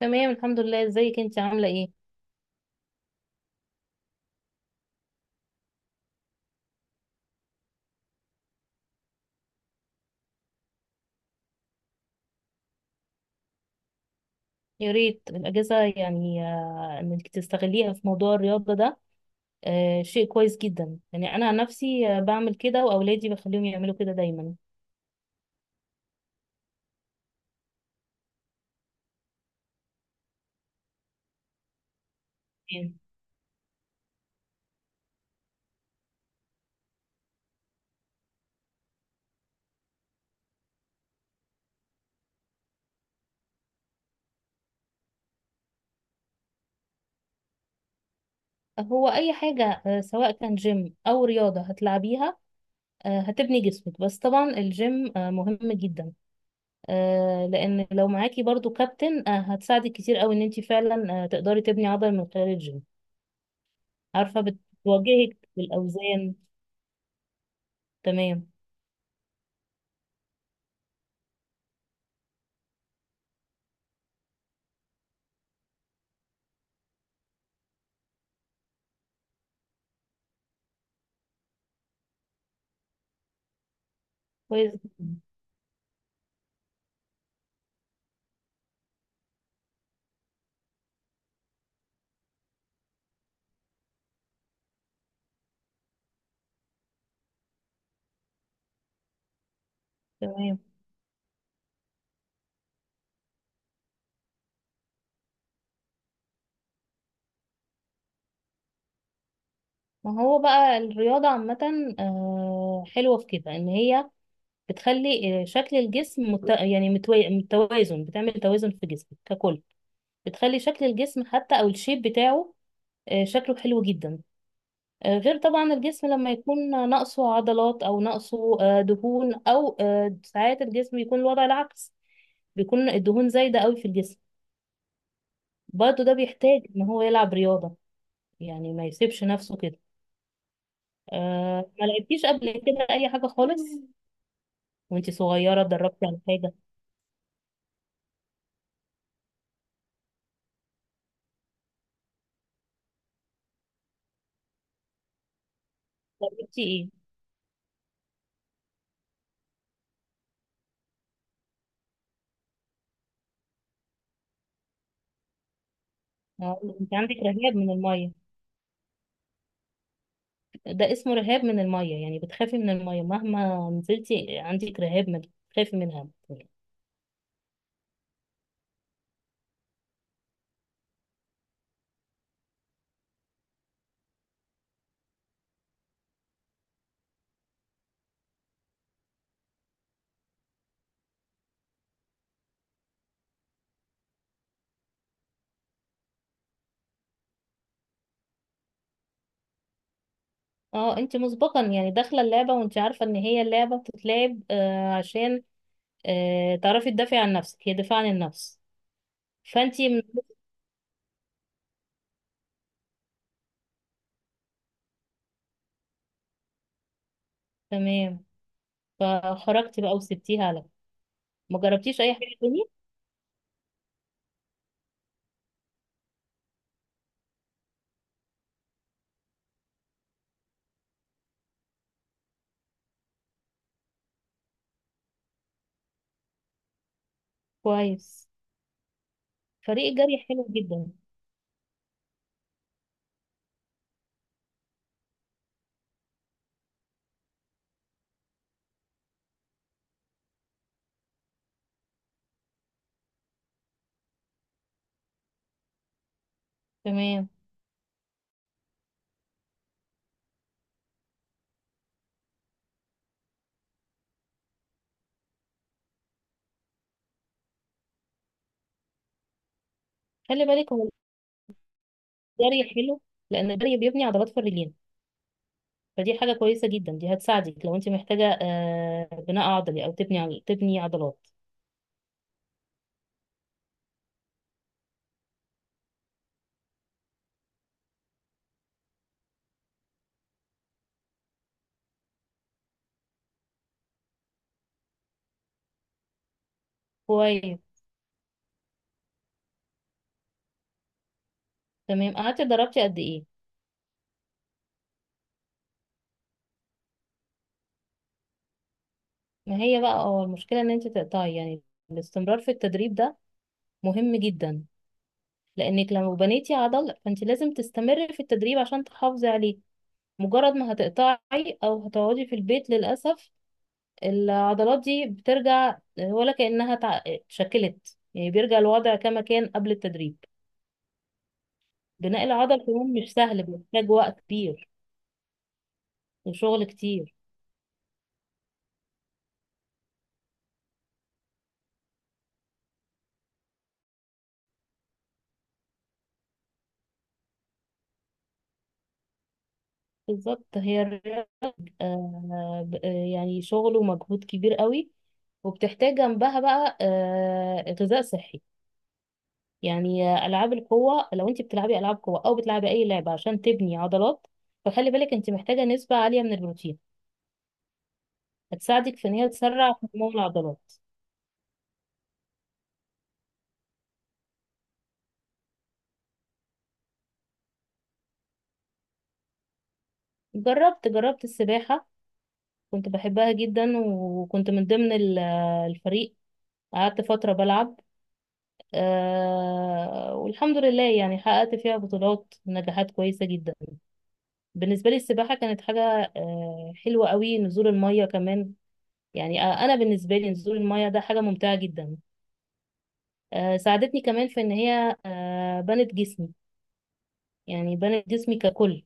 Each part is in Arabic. تمام، الحمد لله. ازيك انت؟ عامله ايه؟ يا ريت الاجازه، يعني، انك تستغليها في موضوع الرياضه ده. شيء كويس جدا. يعني انا عن نفسي بعمل كده، واولادي بخليهم يعملوا كده دايما. يعني هو اي حاجه سواء كان جيم او رياضه هتلعبيها، هتبني جسمك. بس طبعا الجيم مهم جدا، لان لو معاكي برضو كابتن هتساعدك كتير قوي، ان انت فعلا تقدري تبني عضل من خلال الجيم. عارفه بتواجهك بالاوزان. تمام. كويس جدا. تمام. ما هو بقى الرياضة عامة حلوة في كده، إن هي بتخلي شكل الجسم يعني متوازن. بتعمل توازن في جسمك ككل. بتخلي شكل الجسم حتى، أو الشيب بتاعه شكله حلو جدا، غير طبعا الجسم لما يكون ناقصه عضلات، أو ناقصه دهون، أو ساعات الجسم بيكون الوضع العكس. بيكون الدهون زايدة قوي في الجسم. برضه ده بيحتاج إن هو يلعب رياضة، يعني ما يسيبش نفسه كده. ما لعبتيش قبل كده أي حاجة خالص؟ وانت صغيرة اتدربتي على حاجة؟ اتدربتي ايه؟ انت عندك رهاب من المية. ده اسمه رهاب من المية. يعني بتخافي من المية مهما نزلتي، عندك رهاب من، بتخافي منها. اه انت مسبقا يعني داخلة اللعبة وانت عارفة ان هي اللعبة بتتلعب عشان تعرفي تدافعي عن نفسك، هي دفاع عن النفس. فانت من... تمام. فخرجتي بقى وسبتيها على. ما جربتيش اي حاجة تانية؟ كويس. فريق الجري حلو جدا. تمام. خلي بالك، هو الجري حلو لان الجري بيبني عضلات في الرجلين. فدي حاجة كويسة جدا، دي هتساعدك لو انت محتاجة بناء عضلي، او تبني عضل، تبني عضلات. كويس. تمام. قعدتي اتدربتي قد ايه؟ ما هي بقى المشكلة ان انت تقطعي. يعني الاستمرار في التدريب ده مهم جدا، لانك لو بنيتي عضل فانت لازم تستمري في التدريب عشان تحافظي عليه. مجرد ما هتقطعي او هتقعدي في البيت، للأسف العضلات دي بترجع، ولا كأنها اتشكلت. يعني بيرجع الوضع كما كان قبل التدريب. بناء العضل كمان مش سهل، بيحتاج وقت كبير وشغل كتير. بالظبط، هي الرياضة يعني شغل ومجهود كبير قوي، وبتحتاج جنبها بقى غذاء صحي. يعني ألعاب القوة، لو انت بتلعبي ألعاب قوة أو بتلعبي أي لعبة عشان تبني عضلات، فخلي بالك انت محتاجة نسبة عالية من البروتين، هتساعدك في ان هي تسرع نمو العضلات. جربت السباحة، كنت بحبها جدا. وكنت من ضمن الفريق. قعدت فترة بلعب. والحمد لله، يعني حققت فيها بطولات ونجاحات كويسة جدا. بالنسبة لي السباحة كانت حاجة حلوة قوي. نزول المية كمان، يعني أنا بالنسبة لي نزول المية ده حاجة ممتعة جدا. ساعدتني كمان في إن هي بنت جسمي، يعني بنت جسمي ككل.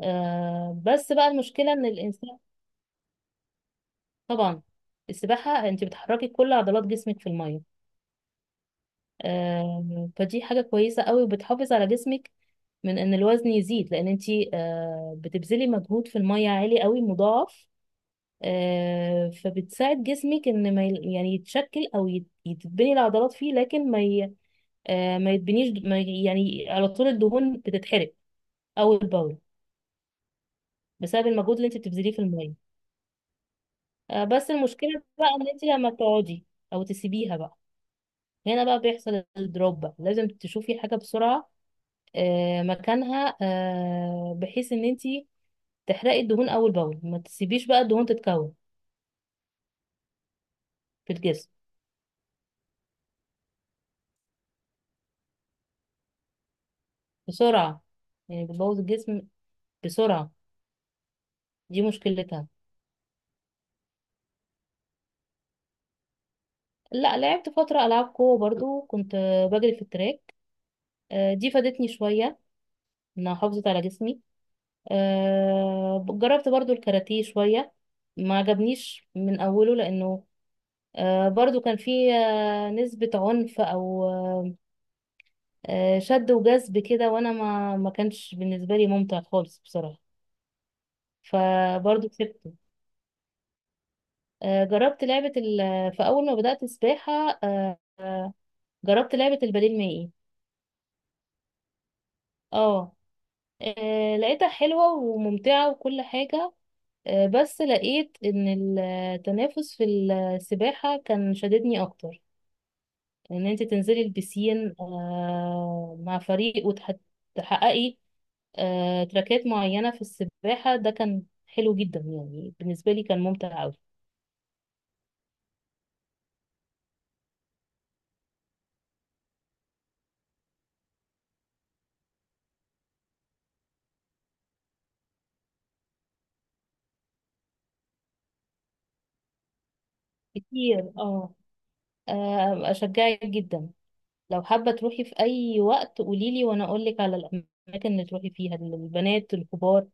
بس بقى المشكلة إن الإنسان. طبعا السباحة أنت بتحركي كل عضلات جسمك في المية. فدي حاجة كويسة قوي، وبتحافظ على جسمك من ان الوزن يزيد، لان انتي بتبذلي مجهود في المية عالي قوي مضاعف. فبتساعد جسمك ان ما يل- يعني يتشكل، او يتبني العضلات فيه، لكن ما يتبنيش. ما ي- يعني على طول الدهون بتتحرق، او البول، بسبب المجهود اللي انت بتبذليه في المية. بس المشكلة بقى ان انت لما بتقعدي او تسيبيها بقى، هنا بقى بيحصل الدروب. بقى لازم تشوفي حاجة بسرعة مكانها، بحيث ان انتي تحرقي الدهون اول باول. ما تسيبيش بقى الدهون تتكون في الجسم بسرعه. يعني بتبوظ الجسم بسرعه، دي مشكلتها. لا، لعبت فتره العاب قوه برضو. كنت بجري في التراك. دي فادتني شويه، انها حافظت على جسمي. جربت برضو الكاراتيه شويه، ما عجبنيش من اوله لانه برضو كان فيه نسبه عنف، او شد وجذب كده. وانا ما كانش بالنسبه لي ممتع خالص بصراحه، فبرضه سبته. جربت لعبه في اول ما بدات سباحه، آه، آه، جربت لعبه البديل المائي. اه. لقيتها حلوه وممتعه وكل حاجه، بس لقيت ان التنافس في السباحه كان شددني اكتر. ان انت تنزلي البسين مع فريق، وتحققي تراكات معينة في السباحة، ده كان حلو جدا. يعني بالنسبة لي كان ممتع أوي. كتير، اه. أشجعك جدا. لو حابة تروحي في أي وقت قوليلي، وأنا أقولك على الأماكن اللي تروحي فيها للبنات الكبار.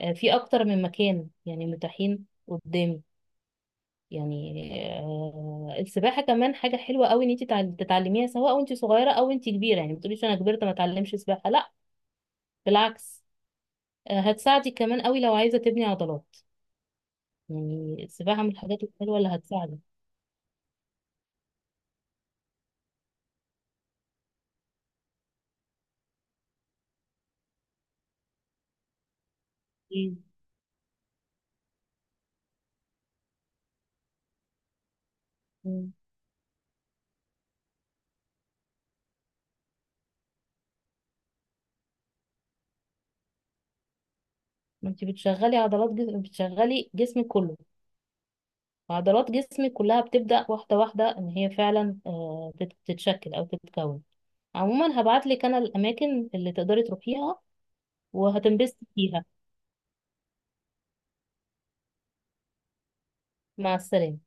في أكتر من مكان يعني متاحين قدامي. يعني السباحة كمان حاجة حلوة أوي، إن أنت تتعلميها سواء وأنت صغيرة أو أنت كبيرة. يعني ما تقوليش أنا كبرت ما أتعلمش سباحة، لأ، بالعكس. هتساعدك كمان أوي لو عايزة تبني عضلات. يعني السباحة من الحاجات الحلوة اللي هتساعدك. مم. مم. ما انت بتشغلي عضلات جسم، بتشغلي جسمك كله. عضلات جسمك كلها بتبدأ واحدة واحدة، ان هي فعلا تتشكل او تتكون. عموما هبعتلك انا الاماكن اللي تقدري تروحيها وهتنبسطي فيها. مع السلامة.